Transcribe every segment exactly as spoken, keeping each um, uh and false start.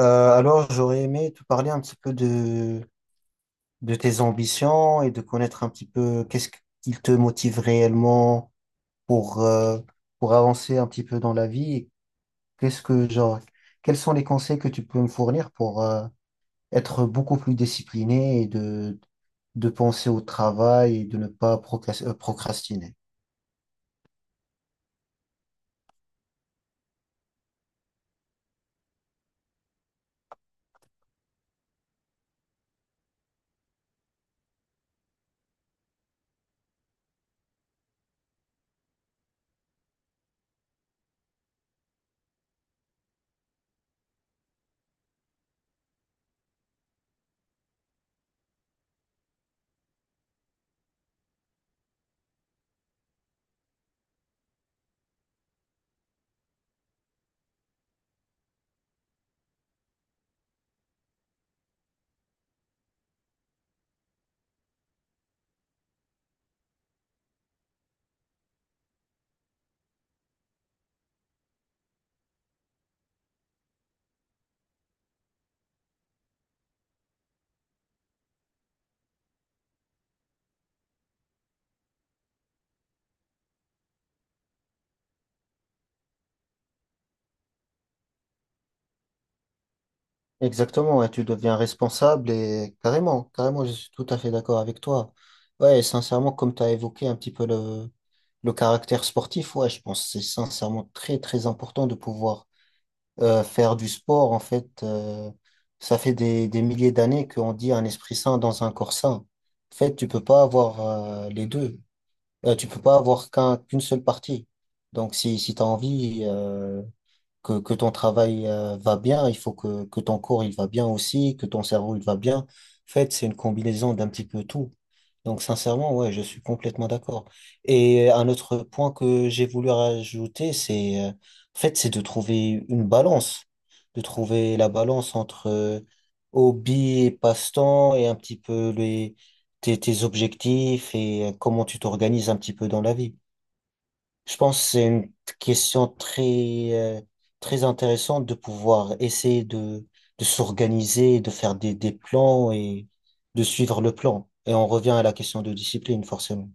Euh, alors, j'aurais aimé te parler un petit peu de, de tes ambitions et de connaître un petit peu qu'est-ce qui te motive réellement pour, euh, pour avancer un petit peu dans la vie. Et Qu'est-ce que, genre, quels sont les conseils que tu peux me fournir pour, euh, être beaucoup plus discipliné et de, de penser au travail et de ne pas procras- euh, procrastiner. Exactement, ouais, tu deviens responsable et carrément, carrément, je suis tout à fait d'accord avec toi. Ouais, et sincèrement, comme tu as évoqué un petit peu le, Le caractère sportif, ouais, je pense que c'est sincèrement très très important de pouvoir euh, faire du sport. En fait, euh, ça fait des, des milliers d'années qu'on dit un esprit sain dans un corps sain. En fait, tu peux pas avoir euh, les deux. Euh, tu peux pas avoir qu'un, qu'une seule partie. Donc, si, si tu as envie, euh, que, que ton travail euh, va bien, il faut que, que ton corps il va bien aussi, que ton cerveau il va bien. En fait, c'est une combinaison d'un petit peu tout. Donc, sincèrement, ouais, je suis complètement d'accord. Et un autre point que j'ai voulu rajouter, c'est, euh, en fait, c'est de trouver une balance, de trouver la balance entre euh, hobby et passe-temps et un petit peu les, tes, tes objectifs et euh, comment tu t'organises un petit peu dans la vie. Je pense que c'est une question très, euh, très intéressante de pouvoir essayer de, de s'organiser, de faire des, des plans et de suivre le plan. Et on revient à la question de discipline, forcément.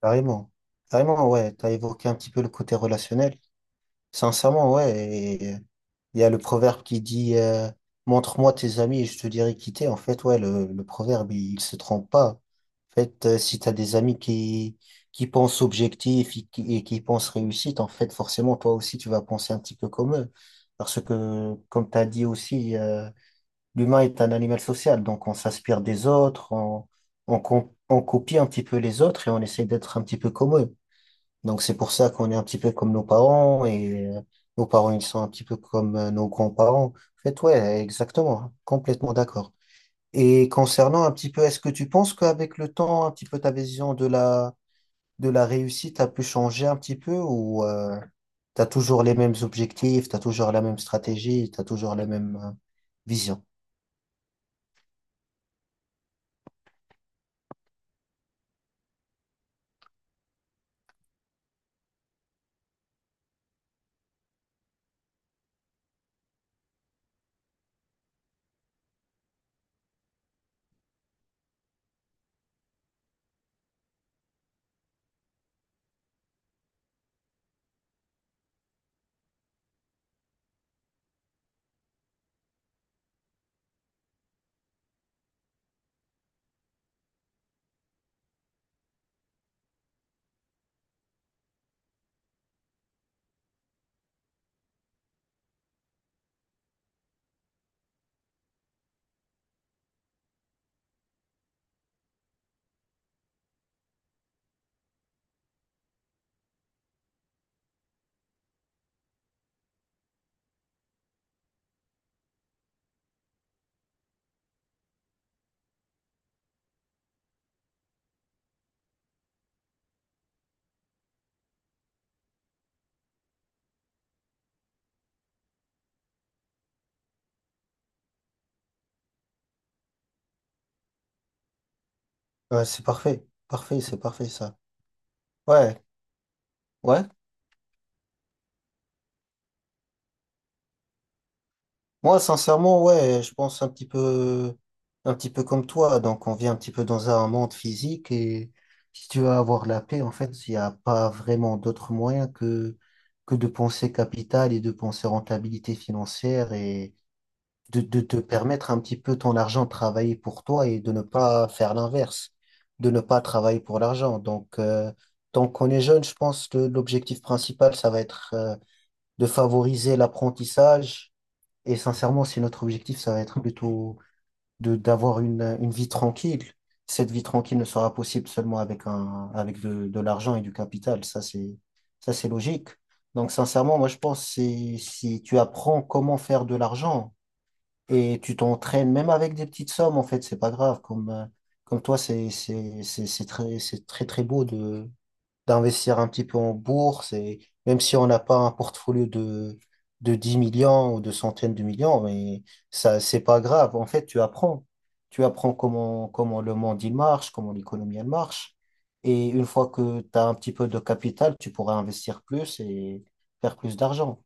Carrément. Carrément, ouais. T'as évoqué un petit peu le côté relationnel. Sincèrement, ouais. Il y a le proverbe qui dit euh, montre-moi tes amis et je te dirai qui t'es. En fait, ouais, le, le proverbe, il, il se trompe pas. En fait, euh, si t'as des amis qui, qui pensent objectif et qui, et qui pensent réussite, en fait, forcément, toi aussi, tu vas penser un petit peu comme eux. Parce que, comme t'as dit aussi, euh, l'humain est un animal social. Donc, on s'inspire des autres, on, on, com- on copie un petit peu les autres et on essaie d'être un petit peu comme eux. Donc c'est pour ça qu'on est un petit peu comme nos parents et euh, nos parents ils sont un petit peu comme euh, nos grands-parents. En fait, ouais, exactement, complètement d'accord. Et concernant un petit peu, est-ce que tu penses qu'avec le temps, un petit peu ta vision de la de la réussite a pu changer un petit peu ou euh, t'as toujours les mêmes objectifs, t'as toujours la même stratégie, t'as toujours la même euh, vision? Ouais, c'est parfait, parfait, c'est parfait ça. Ouais, ouais. Moi, sincèrement, ouais, je pense un petit peu, un petit peu comme toi. Donc, on vit un petit peu dans un monde physique et si tu veux avoir la paix, en fait, il n'y a pas vraiment d'autre moyen que, que de penser capital et de penser rentabilité financière et de, de te permettre un petit peu ton argent de travailler pour toi et de ne pas faire l'inverse, de ne pas travailler pour l'argent. Donc, euh, tant qu'on est jeune, je pense que l'objectif principal, ça va être, euh, de favoriser l'apprentissage et sincèrement, si notre objectif, ça va être plutôt de d'avoir une, une vie tranquille, cette vie tranquille ne sera possible seulement avec un, avec de, de l'argent et du capital. Ça, c'est, ça, c'est logique. Donc, sincèrement, moi, je pense que c'est- si tu apprends comment faire de l'argent et tu t'entraînes, même avec des petites sommes, en fait, c'est pas grave. Comme, euh, comme toi, c'est, c'est, c'est, c'est très, c'est très, très beau de, d'investir un petit peu en bourse et même si on n'a pas un portfolio de, de dix millions ou de centaines de millions, mais ça, c'est pas grave. En fait, tu apprends. Tu apprends comment, comment le monde il marche, comment l'économie elle marche. Et une fois que tu as un petit peu de capital, tu pourras investir plus et faire plus d'argent.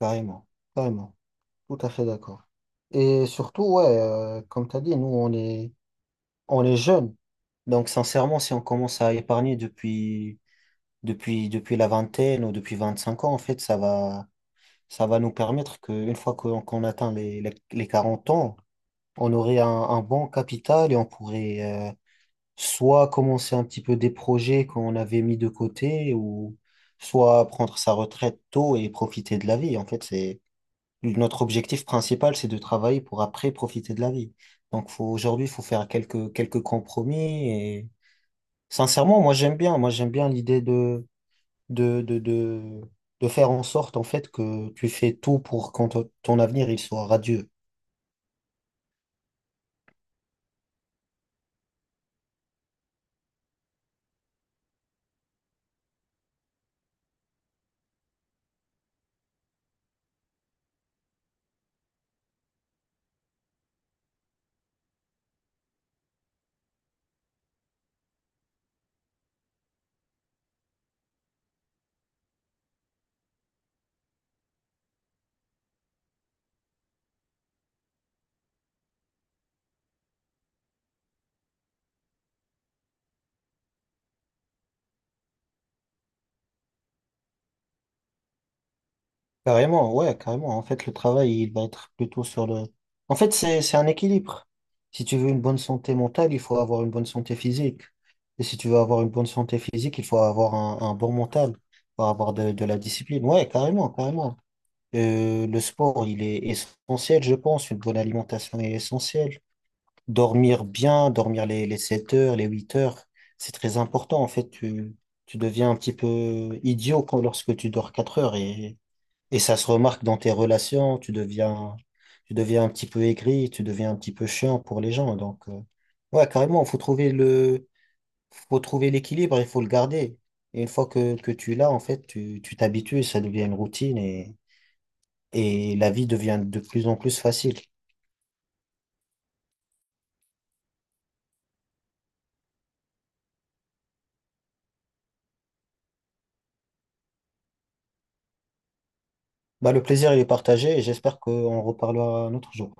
Carrément, carrément. Tout à fait d'accord. Et surtout, ouais, euh, comme tu as dit, nous, on est, on est jeunes. Donc, sincèrement, si on commence à épargner depuis depuis, depuis la vingtaine ou depuis vingt-cinq ans, en fait, ça va, ça va nous permettre qu'une fois qu'on qu'on atteint les, les, les quarante ans, on aurait un, un bon capital et on pourrait euh, soit commencer un petit peu des projets qu'on avait mis de côté ou soit prendre sa retraite tôt et profiter de la vie. En fait, c'est notre objectif principal, c'est de travailler pour après profiter de la vie. Donc, faut, aujourd'hui, il faut faire quelques, quelques compromis et sincèrement, moi, j'aime bien. Moi, j'aime bien l'idée de de, de, de, de faire en sorte en fait que tu fais tout pour que ton ton avenir il soit radieux. Carrément, ouais, carrément. En fait, le travail, il va être plutôt sur le. En fait, c'est, c'est un équilibre. Si tu veux une bonne santé mentale, il faut avoir une bonne santé physique. Et si tu veux avoir une bonne santé physique, il faut avoir un, un bon mental, il faut avoir de, de la discipline. Ouais, carrément, carrément. Euh, le sport, il est essentiel, je pense. Une bonne alimentation est essentielle. Dormir bien, dormir les, les sept heures, les huit heures, c'est très important. En fait, tu, tu deviens un petit peu idiot quand, lorsque tu dors quatre heures et, et ça se remarque dans tes relations. Tu deviens, tu deviens un petit peu aigri, tu deviens un petit peu chiant pour les gens. Donc, euh, ouais, carrément, faut trouver le, faut trouver l'équilibre, il faut le garder. Et une fois que, que tu l'as, en fait, tu, tu t'habitues, ça devient une routine et, et la vie devient de plus en plus facile. Bah, le plaisir, il est partagé et j'espère qu'on reparlera un autre jour.